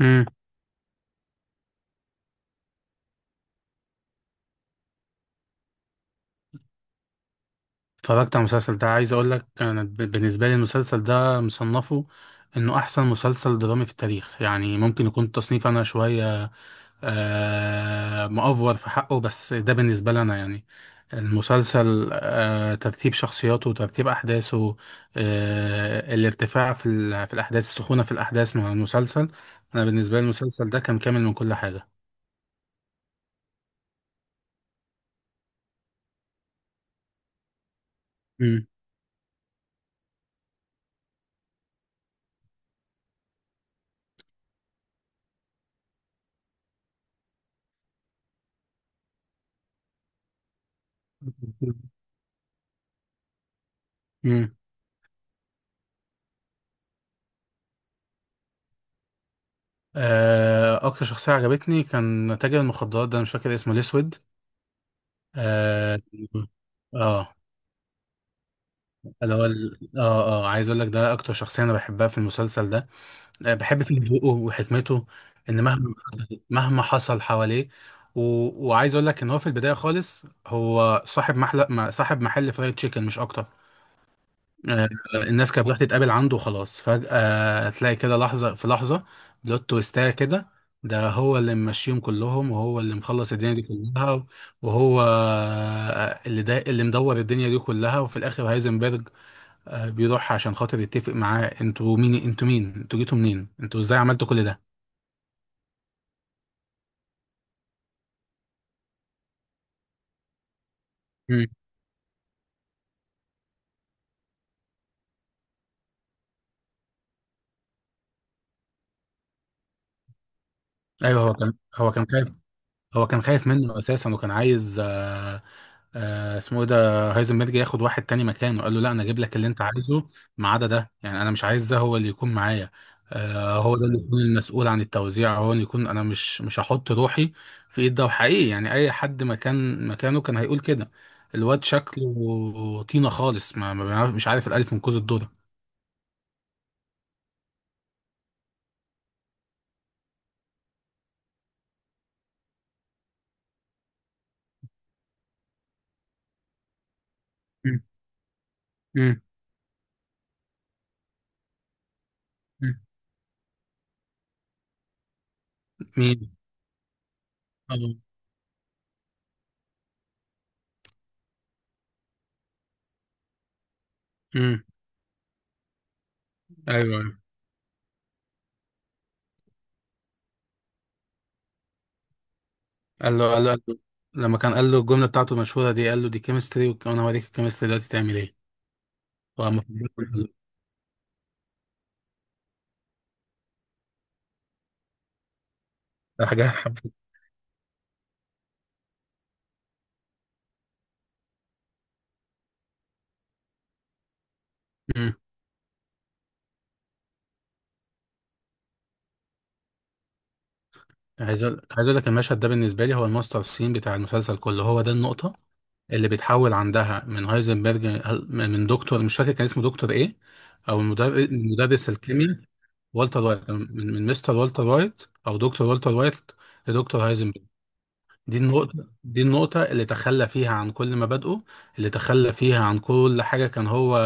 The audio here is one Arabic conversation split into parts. امم. اتفرجت على المسلسل ده. عايز اقول لك انا بالنسبه لي المسلسل ده مصنفه انه احسن مسلسل درامي في التاريخ. يعني ممكن يكون التصنيف انا شويه مأفور في حقه، بس ده بالنسبه لي انا. يعني المسلسل، ترتيب شخصياته، ترتيب احداثه، الارتفاع في في الاحداث، السخونه في الاحداث مع المسلسل. انا بالنسبه لي المسلسل ده كان كامل من كل حاجه. امم. اكتر شخصيه عجبتني كان تاجر المخدرات ده، أنا مش فاكر اسمه، الاسود. اه. اه. عايز اقول لك ده اكتر شخصيه انا بحبها في المسلسل ده. بحب فيه هدوءه وحكمته، ان مهما حصل مهما حصل حواليه. و... وعايز اقول لك ان هو في البدايه خالص هو صاحب محل صاحب محل فرايد تشيكن مش اكتر. آه، الناس كانت بتروح تتقابل عنده وخلاص، فجأة تلاقي كده لحظة في لحظة، بلوت تويستاية كده، ده هو اللي ممشيهم كلهم وهو اللي مخلص الدنيا دي كلها. وهو اللي مدور الدنيا دي كلها، وفي الآخر هايزنبرج بيروح عشان خاطر يتفق معاه: انتوا مين، انتوا مين، انتوا جيتوا منين، انتوا ازاي عملتوا كل ده. مم. ايوه، هو كان خايف. هو كان خايف منه اساسا وكان عايز اسمه ايه ده، هايزنبرج، ياخد واحد تاني مكانه. قال له لا، انا اجيب لك اللي انت عايزه ما عدا ده. يعني انا مش عايز ده هو اللي يكون معايا. هو ده اللي يكون المسؤول عن التوزيع، هو اللي يكون، انا مش هحط روحي في ايد ده. وحقيقي يعني اي حد مكانه كان هيقول كده. الواد شكله طينة خالص، ما ما بيعرف- مش عارف الالف من كوز الدودة. مم. مم. مم. مين؟ آه. مم. ايوه، ايوه. قال له قال له قال له- لما كان قال له الجملة بتاعته المشهورة دي قال له: دي كيمستري، وانا هوريك الكيمستري دلوقتي تعمل ايه. وأما ده حاجة مم. عايز أقول لك المشهد ده بالنسبة لي هو الماستر سين بتاع المسلسل كله، هو ده النقطة اللي بيتحول عندها من هايزنبرج، من دكتور مش فاكر كان اسمه دكتور إيه، أو المدرس، مدرس الكيمياء، والتر وايت، من مستر والتر وايت أو دكتور والتر وايت، لدكتور هايزنبرج. دي النقطة اللي تخلى فيها عن كل مبادئه، اللي تخلى فيها عن كل حاجة كان هو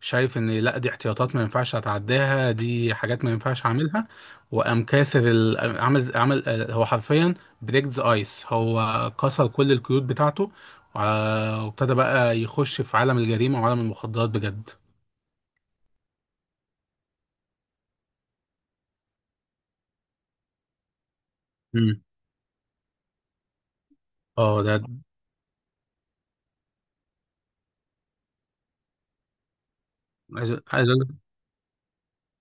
شايف ان لا، دي احتياطات ما ينفعش اتعداها، دي حاجات ما ينفعش اعملها. وقام كاسر عمل هو حرفيا بريك ذا ايس، هو كسر كل القيود بتاعته وابتدى بقى يخش في عالم الجريمة وعالم المخدرات بجد. مم. اه، ده. عايز عايز اقول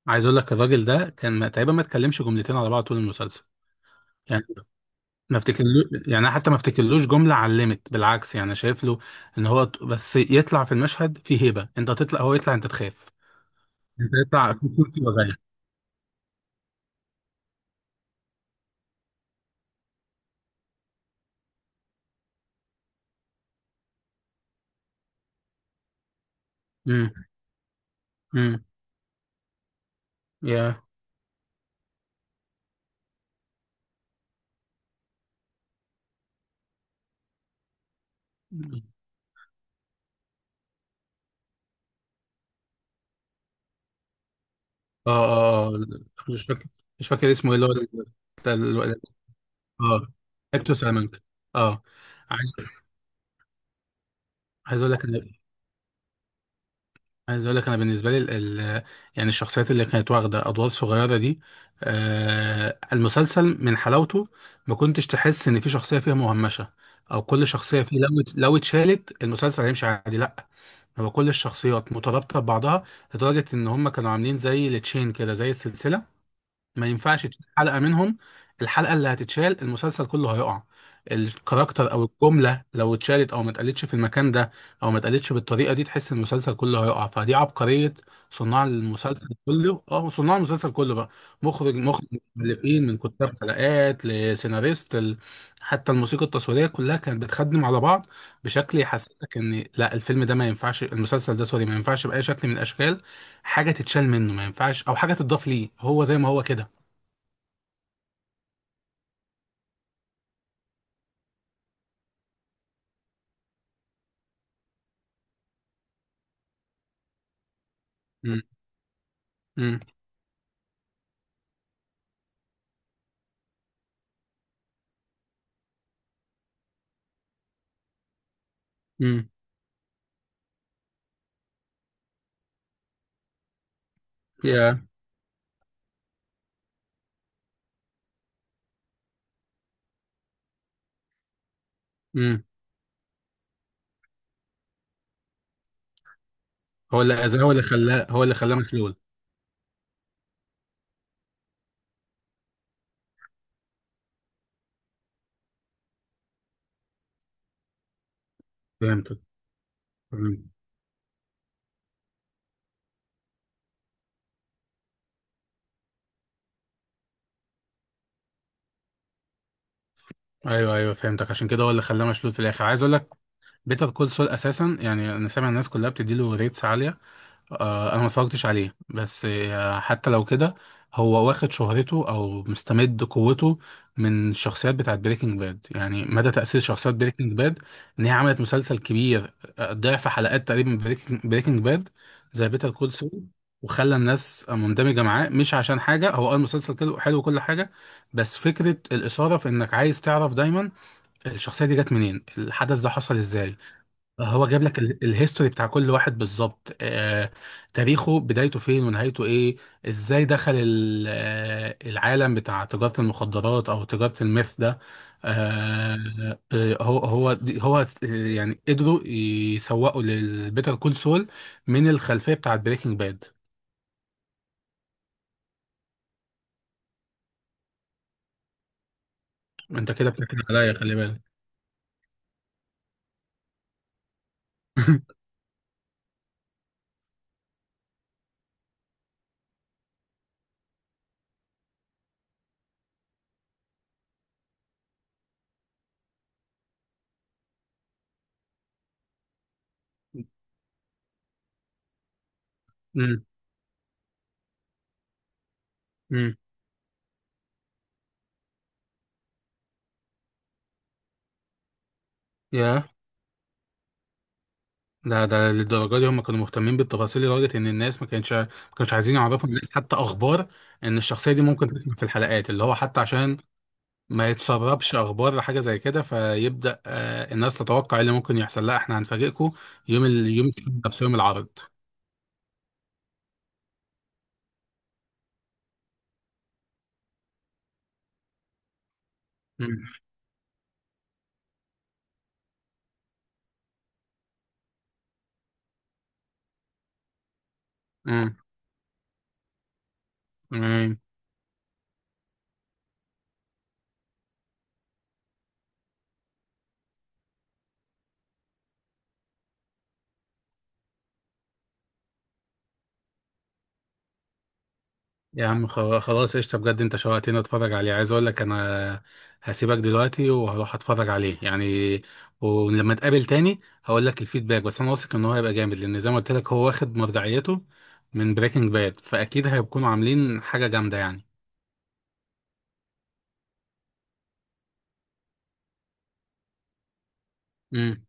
عايز اقول لك الراجل ده كان تقريبا ما اتكلمش جملتين على بعض طول المسلسل. يعني ما افتكرلوش، يعني أنا حتى ما افتكرلوش جملة علمت بالعكس، يعني شايف له ان هو بس يطلع في المشهد فيه هيبة، انت تطلع، هو يطلع انت تخاف، انت يطلع في كرسي وجاية. امم. امم. يا اه. اه. آه. مش فاكر مش فاكر اسمه ايه، اللي هو بتاع اه اكتو سامونج. اه. عايز عايز اقول لك إن، عايز اقول لك انا بالنسبه لي ال ال يعني الشخصيات اللي كانت واخده ادوار صغيره دي، المسلسل من حلاوته ما كنتش تحس ان في شخصيه فيها مهمشه، او كل شخصيه فيه لو لو اتشالت المسلسل هيمشي عادي، لا. هو كل الشخصيات مترابطه ببعضها لدرجه ان هم كانوا عاملين زي التشين كده، زي السلسله، ما ينفعش تشيل حلقة منهم. الحلقة اللي هتتشال المسلسل كله هيقع. الكاركتر او الجملة لو اتشالت او ما اتقالتش في المكان ده او ما اتقالتش بالطريقة دي، تحس المسلسل كله هيقع. فدي عبقرية صناع المسلسل كله بقى، مخرج، مخرج، مؤلفين، من كتاب حلقات لسيناريست حتى الموسيقى التصويرية كلها كانت بتخدم على بعض بشكل يحسسك ان لا، الفيلم ده ما ينفعش، المسلسل ده سوري، ما ينفعش بأي شكل من الاشكال حاجة تتشال منه، ما ينفعش او حاجة تضاف ليه، هو زي ما هو كده. امم. امم. امم. يا امم. هو اللي اذاه، هو اللي خلاه مشلول. فهمتك. مم. ايوه، ايوه، فهمتك. عشان كده هو اللي خلاه مشلول في الاخر. عايز اقول لك بيتر كول سول اساسا، يعني انا سامع الناس كلها بتديله ريتس عاليه. انا ما اتفرجتش عليه، بس حتى لو كده هو واخد شهرته او مستمد قوته من الشخصيات بتاعت بريكنج باد. يعني مدى تأثير شخصيات بريكنج باد ان هي عملت مسلسل كبير، ضعف حلقات تقريبا بريكنج باد زي بيتر كول سول. وخلى الناس مندمجة معاه، مش عشان حاجة هو قال مسلسل كده حلو وكل حاجة، بس فكرة الإثارة في إنك عايز تعرف دايما الشخصية دي جت منين، الحدث ده حصل إزاي. هو جاب لك الهيستوري بتاع كل واحد بالظبط، تاريخه، بدايته فين ونهايته ايه، ازاي دخل العالم بتاع تجارة المخدرات او تجارة الميث ده. آه، آه، هو هو دي- هو س- آه، يعني قدروا يسوقوا للبيتر كول سول من الخلفية بتاعت بريكنج باد. انت كده بتاكد عليا، خلي بالك. امم. امم. يا ده للدرجه دي هم كانوا مهتمين بالتفاصيل، لدرجه ان الناس ما كانوش عايزين يعرفوا الناس حتى اخبار ان الشخصيه دي ممكن تطلع في الحلقات، اللي هو حتى عشان ما يتسربش اخبار حاجه زي كده، فيبدا الناس تتوقع إيه اللي ممكن يحصل. لا، احنا هنفاجئكم يوم ال... يوم نفس يوم العرض. امم. امم. يا عم، خلاص قشطة بجد، انت شوقتني اتفرج عليه. عايز اقول لك انا هسيبك دلوقتي وهروح اتفرج عليه يعني، ولما اتقابل تاني هقول لك الفيدباك. بس انا واثق ان هو هيبقى جامد لان زي ما قلت لك هو واخد مرجعيته من بريكنج باد، فاكيد هيكونوا عاملين حاجة جامدة يعني. امم.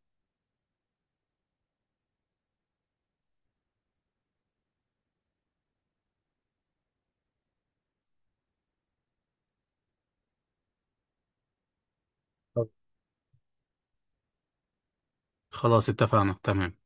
خلاص، اتفقنا، تمام.